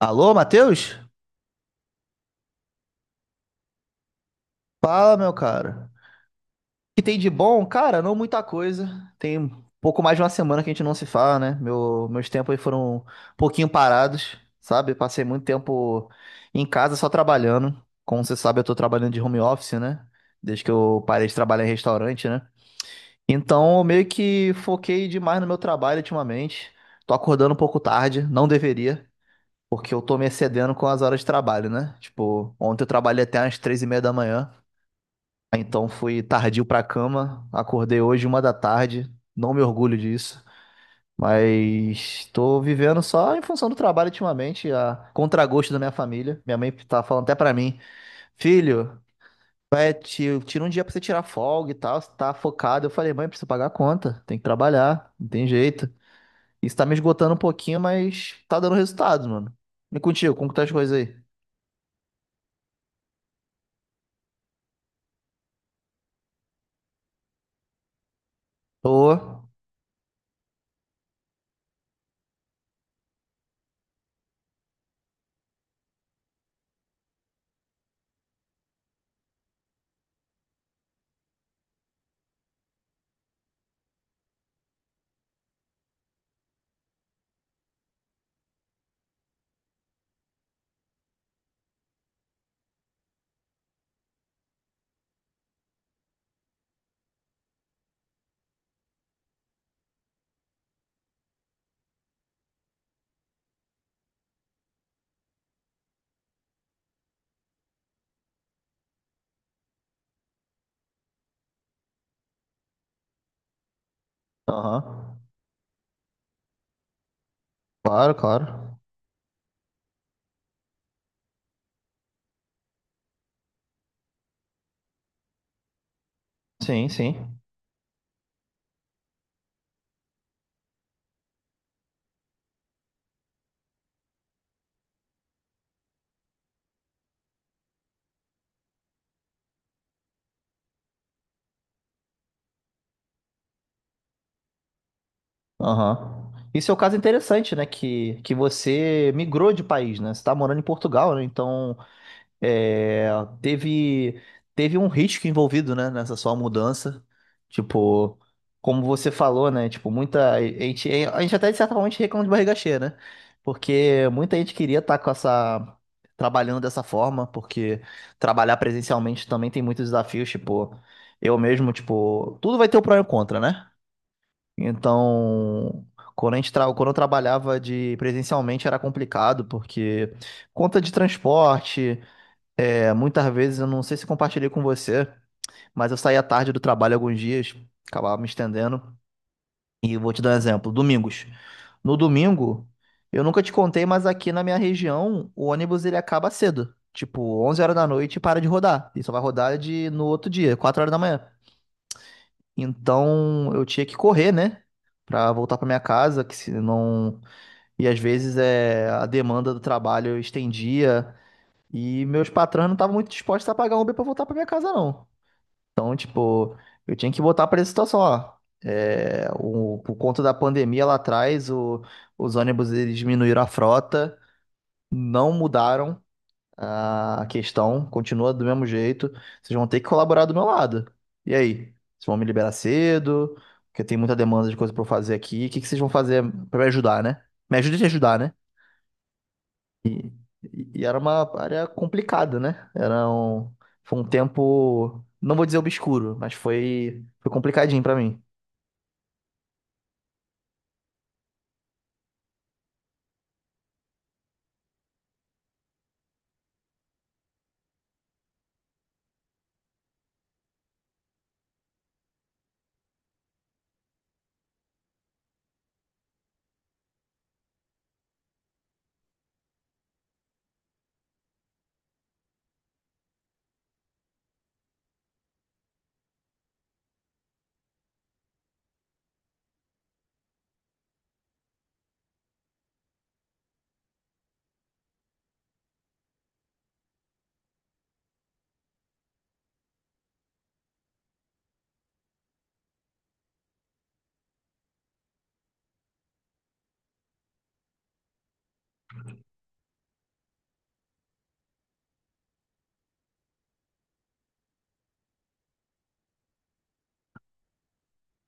Alô, Matheus? Fala, meu cara. O que tem de bom? Cara, não muita coisa. Tem um pouco mais de uma semana que a gente não se fala, né? Meus tempos aí foram um pouquinho parados, sabe? Passei muito tempo em casa só trabalhando. Como você sabe, eu tô trabalhando de home office, né? Desde que eu parei de trabalhar em restaurante, né? Então, eu meio que foquei demais no meu trabalho ultimamente. Tô acordando um pouco tarde, não deveria, porque eu tô me excedendo com as horas de trabalho, né? Tipo, ontem eu trabalhei até às 3:30 da manhã. Então fui tardio pra cama, acordei hoje uma da tarde, não me orgulho disso, mas tô vivendo só em função do trabalho ultimamente, a contragosto da minha família. Minha mãe tá falando até pra mim, filho, vai, tira um dia pra você tirar folga e tal, você tá focado. Eu falei, mãe, preciso pagar a conta, tem que trabalhar, não tem jeito. Isso tá me esgotando um pouquinho, mas tá dando resultado, mano. E contigo, como que tá as coisas aí? Tô. Aham. Claro, claro. Sim, sim. Aham. Isso é um caso interessante, né? Que você migrou de país, né? Você tá morando em Portugal, né? Então, é, teve, teve um risco envolvido, né? Nessa sua mudança. Tipo, como você falou, né? Tipo, muita... A gente até, de certa forma, a gente reclama de barriga cheia, né? Porque muita gente queria estar com essa... Trabalhando dessa forma, porque trabalhar presencialmente também tem muitos desafios, tipo... Eu mesmo, tipo... Tudo vai ter o pró e o contra, né? Então, quando eu trabalhava de presencialmente era complicado, porque conta de transporte, é, muitas vezes eu não sei se compartilhei com você, mas eu saía tarde do trabalho alguns dias, acabava me estendendo. E vou te dar um exemplo, domingos. No domingo, eu nunca te contei, mas aqui na minha região, o ônibus ele acaba cedo, tipo 11 horas da noite e para de rodar. E só vai rodar de no outro dia, 4 horas da manhã. Então eu tinha que correr, né? Pra voltar pra minha casa, que se não. E às vezes é... a demanda do trabalho eu estendia e meus patrões não estavam muito dispostos a pagar um Uber pra voltar pra minha casa, não. Então, tipo, eu tinha que botar pra essa situação, ó. É, o... Por conta da pandemia lá atrás, o... os ônibus eles diminuíram a frota, não mudaram. A questão continua do mesmo jeito. Vocês vão ter que colaborar do meu lado. E aí? Vocês vão me liberar cedo? Porque tem muita demanda de coisa pra eu fazer aqui. O que que vocês vão fazer pra me ajudar, né? Me ajuda a te ajudar, né? E era uma área complicada, né? Era um... Foi um tempo, não vou dizer obscuro, mas foi, foi complicadinho pra mim.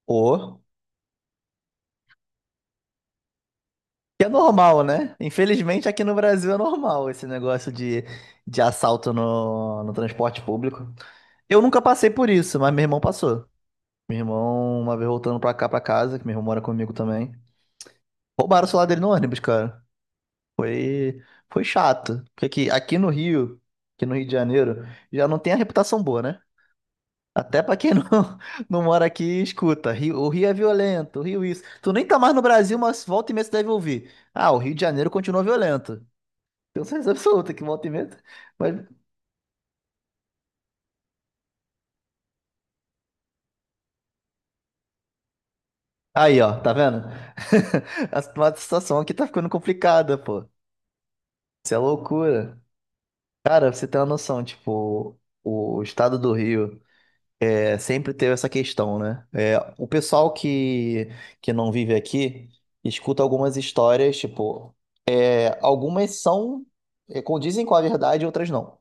Ou, que é normal, né? Infelizmente aqui no Brasil é normal esse negócio de assalto no transporte público. Eu nunca passei por isso, mas meu irmão passou. Meu irmão, uma vez voltando pra cá, pra casa, que meu irmão mora comigo também, roubaram o celular dele no ônibus, cara. Foi, foi chato. Porque aqui no Rio, aqui no Rio de Janeiro, já não tem a reputação boa, né? Até pra quem não, não mora aqui, escuta. O Rio é violento, o Rio isso. Tu nem tá mais no Brasil, mas volta e meia você deve ouvir. Ah, o Rio de Janeiro continua violento. Tenho certeza absoluta que volta e meia. Mas... Aí, ó, tá vendo? A situação aqui tá ficando complicada, pô. Isso é loucura. Cara, pra você tem uma noção, tipo, o estado do Rio é, sempre teve essa questão, né? É, o pessoal que não vive aqui escuta algumas histórias, tipo, é, algumas são, é, condizem com a verdade, outras não.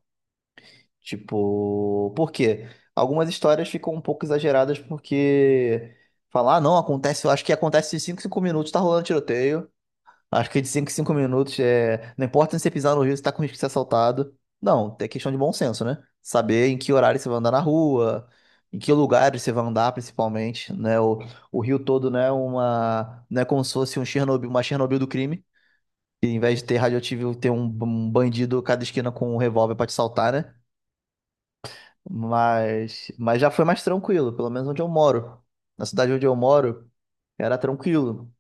Tipo, por quê? Algumas histórias ficam um pouco exageradas porque falar, ah, não, acontece, eu acho que acontece em cinco minutos, tá rolando tiroteio. Acho que de 5 em 5 minutos é. Não importa se você pisar no rio, você tá com risco de ser assaltado. Não, é questão de bom senso, né? Saber em que horário você vai andar na rua, em que lugares você vai andar, principalmente, né? O rio todo, né? Uma. Não é como se fosse um Chernobyl, uma Chernobyl do crime. E em vez de ter radioativo, ter um bandido a cada esquina com um revólver pra te saltar, né? Mas já foi mais tranquilo, pelo menos onde eu moro. Na cidade onde eu moro, era tranquilo.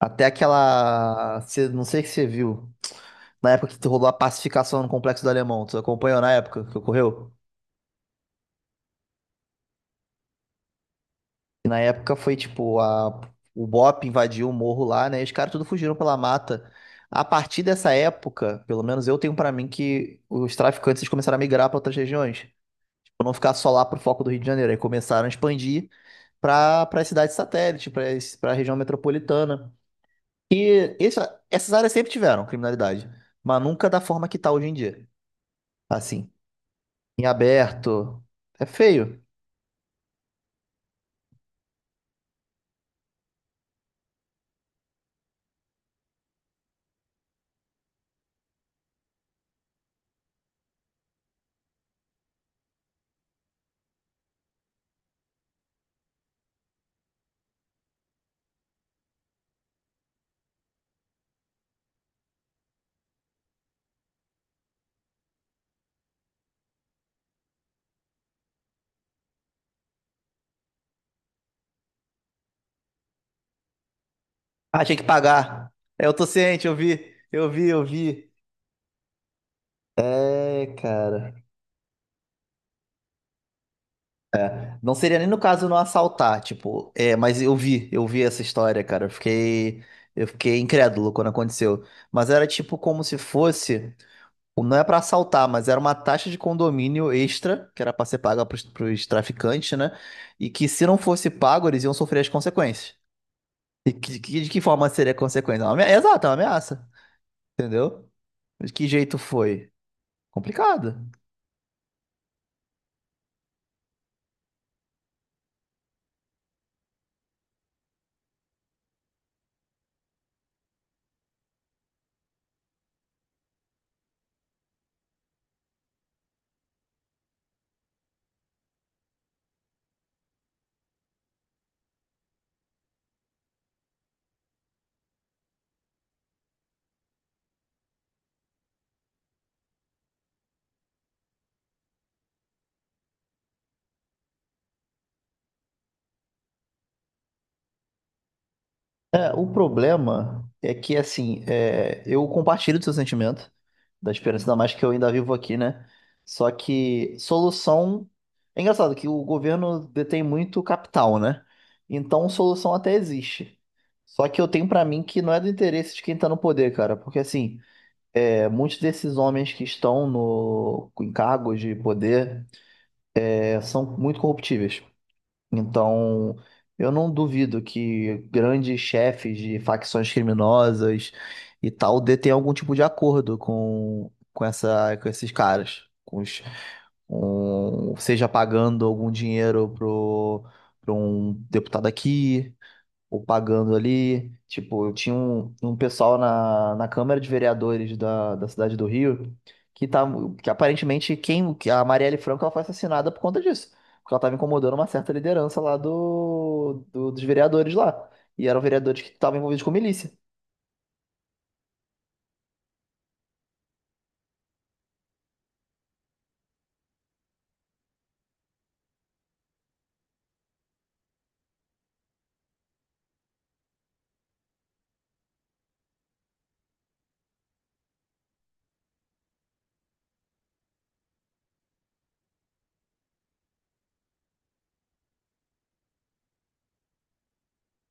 Até aquela. Não sei se você viu. Na época que rolou a pacificação no Complexo do Alemão, tu acompanhou na época que ocorreu? E na época foi tipo, o BOP invadiu o morro lá, né? E os caras tudo fugiram pela mata. A partir dessa época, pelo menos eu tenho pra mim que os traficantes eles começaram a migrar pra outras regiões. Tipo, não ficar só lá pro foco do Rio de Janeiro. Aí começaram a expandir pra para cidades satélite, pra para a região metropolitana. E essas áreas sempre tiveram criminalidade, mas nunca da forma que tá hoje em dia. Assim, em aberto. É feio. Ah, tinha que pagar. É, eu tô ciente, eu vi, eu vi, eu vi. É, cara. É. Não seria nem no caso não assaltar, tipo, é, mas eu vi essa história, cara. Eu fiquei incrédulo quando aconteceu. Mas era tipo como se fosse, não é pra assaltar, mas era uma taxa de condomínio extra, que era pra ser paga pros traficantes, né? E que se não fosse pago, eles iam sofrer as consequências. E de que forma seria a consequência? É, exato, é uma ameaça, entendeu? De que jeito foi? Complicado. É, o problema é que, assim, é, eu compartilho do seu sentimento, da esperança, ainda mais que eu ainda vivo aqui, né? Só que solução. É engraçado que o governo detém muito capital, né? Então, solução até existe. Só que eu tenho pra mim que não é do interesse de quem tá no poder, cara. Porque, assim, é, muitos desses homens que estão no, em cargos de poder é, são muito corruptíveis. Então, eu não duvido que grandes chefes de facções criminosas e tal de tenham algum tipo de acordo com essa, com esses caras, seja pagando algum dinheiro pro um deputado aqui, ou pagando ali. Tipo, eu tinha um pessoal na Câmara de Vereadores da cidade do Rio que tá, que aparentemente que a Marielle Franco ela foi assassinada por conta disso. Porque ela estava incomodando uma certa liderança lá dos vereadores lá. E eram vereadores que estavam envolvidos com milícia.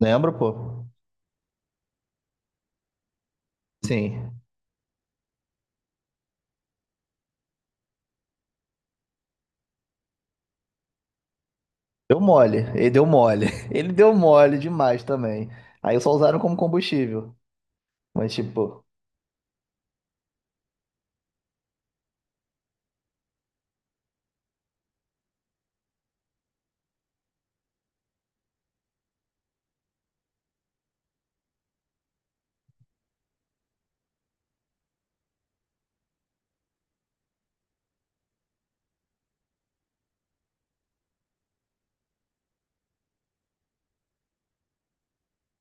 Lembra, pô? Sim. Deu mole. Ele deu mole. Ele deu mole demais também. Aí só usaram como combustível. Mas, tipo.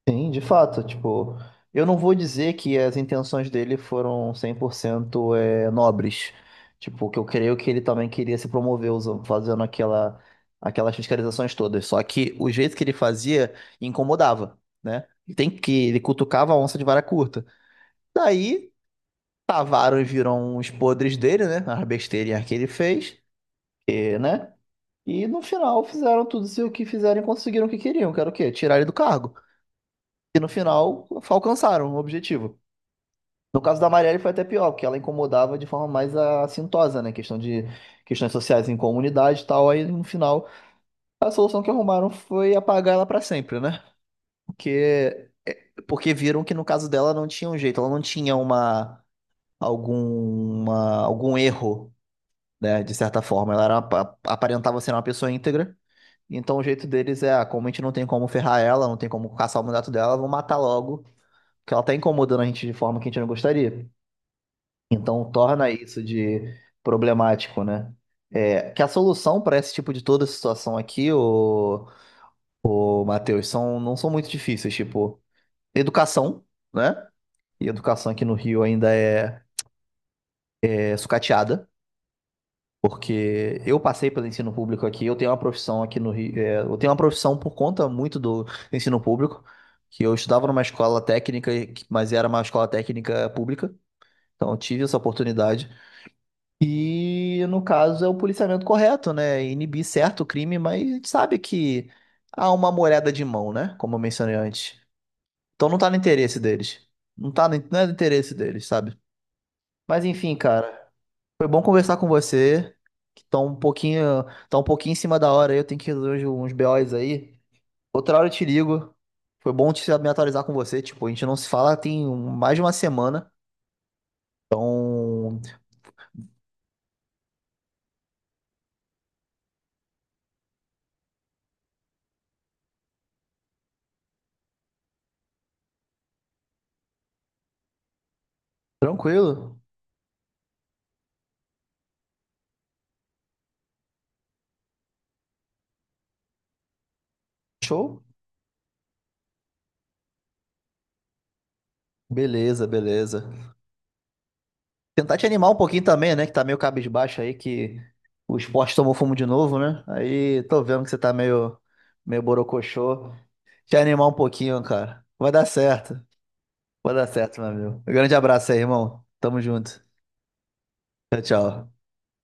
Sim, de fato, tipo, eu não vou dizer que as intenções dele foram 100% é, nobres. Tipo, que eu creio é que ele também queria se promover usando, fazendo aquelas fiscalizações todas. Só que o jeito que ele fazia incomodava, né? E tem que ele cutucava a onça de vara curta. Daí, tavaram e viram os podres dele, né? As besteirinhas que ele fez, e, né? E no final fizeram tudo o que fizeram e conseguiram o que queriam, que era o quê? Tirar ele do cargo. E no final, alcançaram o objetivo. No caso da Marielle foi até pior, porque ela incomodava de forma mais assintosa, né? Questão de questões sociais em comunidade e tal. Aí no final, a solução que arrumaram foi apagar ela para sempre, né? Porque, porque viram que no caso dela não tinha um jeito, ela não tinha uma alguma algum erro, né? De certa forma, ela era aparentava ser uma pessoa íntegra. Então o jeito deles é, ah, como a gente não tem como ferrar ela, não tem como caçar o mandato dela, vão matar logo que ela tá incomodando a gente de forma que a gente não gostaria. Então torna isso de problemático, né? É, que a solução para esse tipo de toda situação aqui, o Matheus, são, não são muito difíceis, tipo, educação, né? E educação aqui no Rio ainda é, é sucateada, porque eu passei pelo ensino público aqui, eu tenho uma profissão aqui no Rio, é, eu tenho uma profissão por conta muito do ensino público, que eu estudava numa escola técnica, mas era uma escola técnica pública, então eu tive essa oportunidade. E no caso é o policiamento correto, né? Inibir certo o crime, mas a gente sabe que há uma moeda de mão, né? Como eu mencionei antes. Então não tá no interesse deles. Não tá no, não é do interesse deles, sabe? Mas enfim, cara, foi bom conversar com você, que tá tá um pouquinho em cima da hora aí, eu tenho que resolver uns BOs aí. Outra hora eu te ligo. Foi bom te me atualizar com você, tipo, a gente não se fala tem mais de uma semana. Então, tranquilo. Show? Beleza, beleza. Tentar te animar um pouquinho também, né? Que tá meio cabisbaixo aí, que o esporte tomou fumo de novo, né? Aí tô vendo que você tá meio borocochô. Te animar um pouquinho, cara. Vai dar certo. Vai dar certo, meu amigo. Um grande abraço aí, irmão. Tamo junto. Tchau, tchau.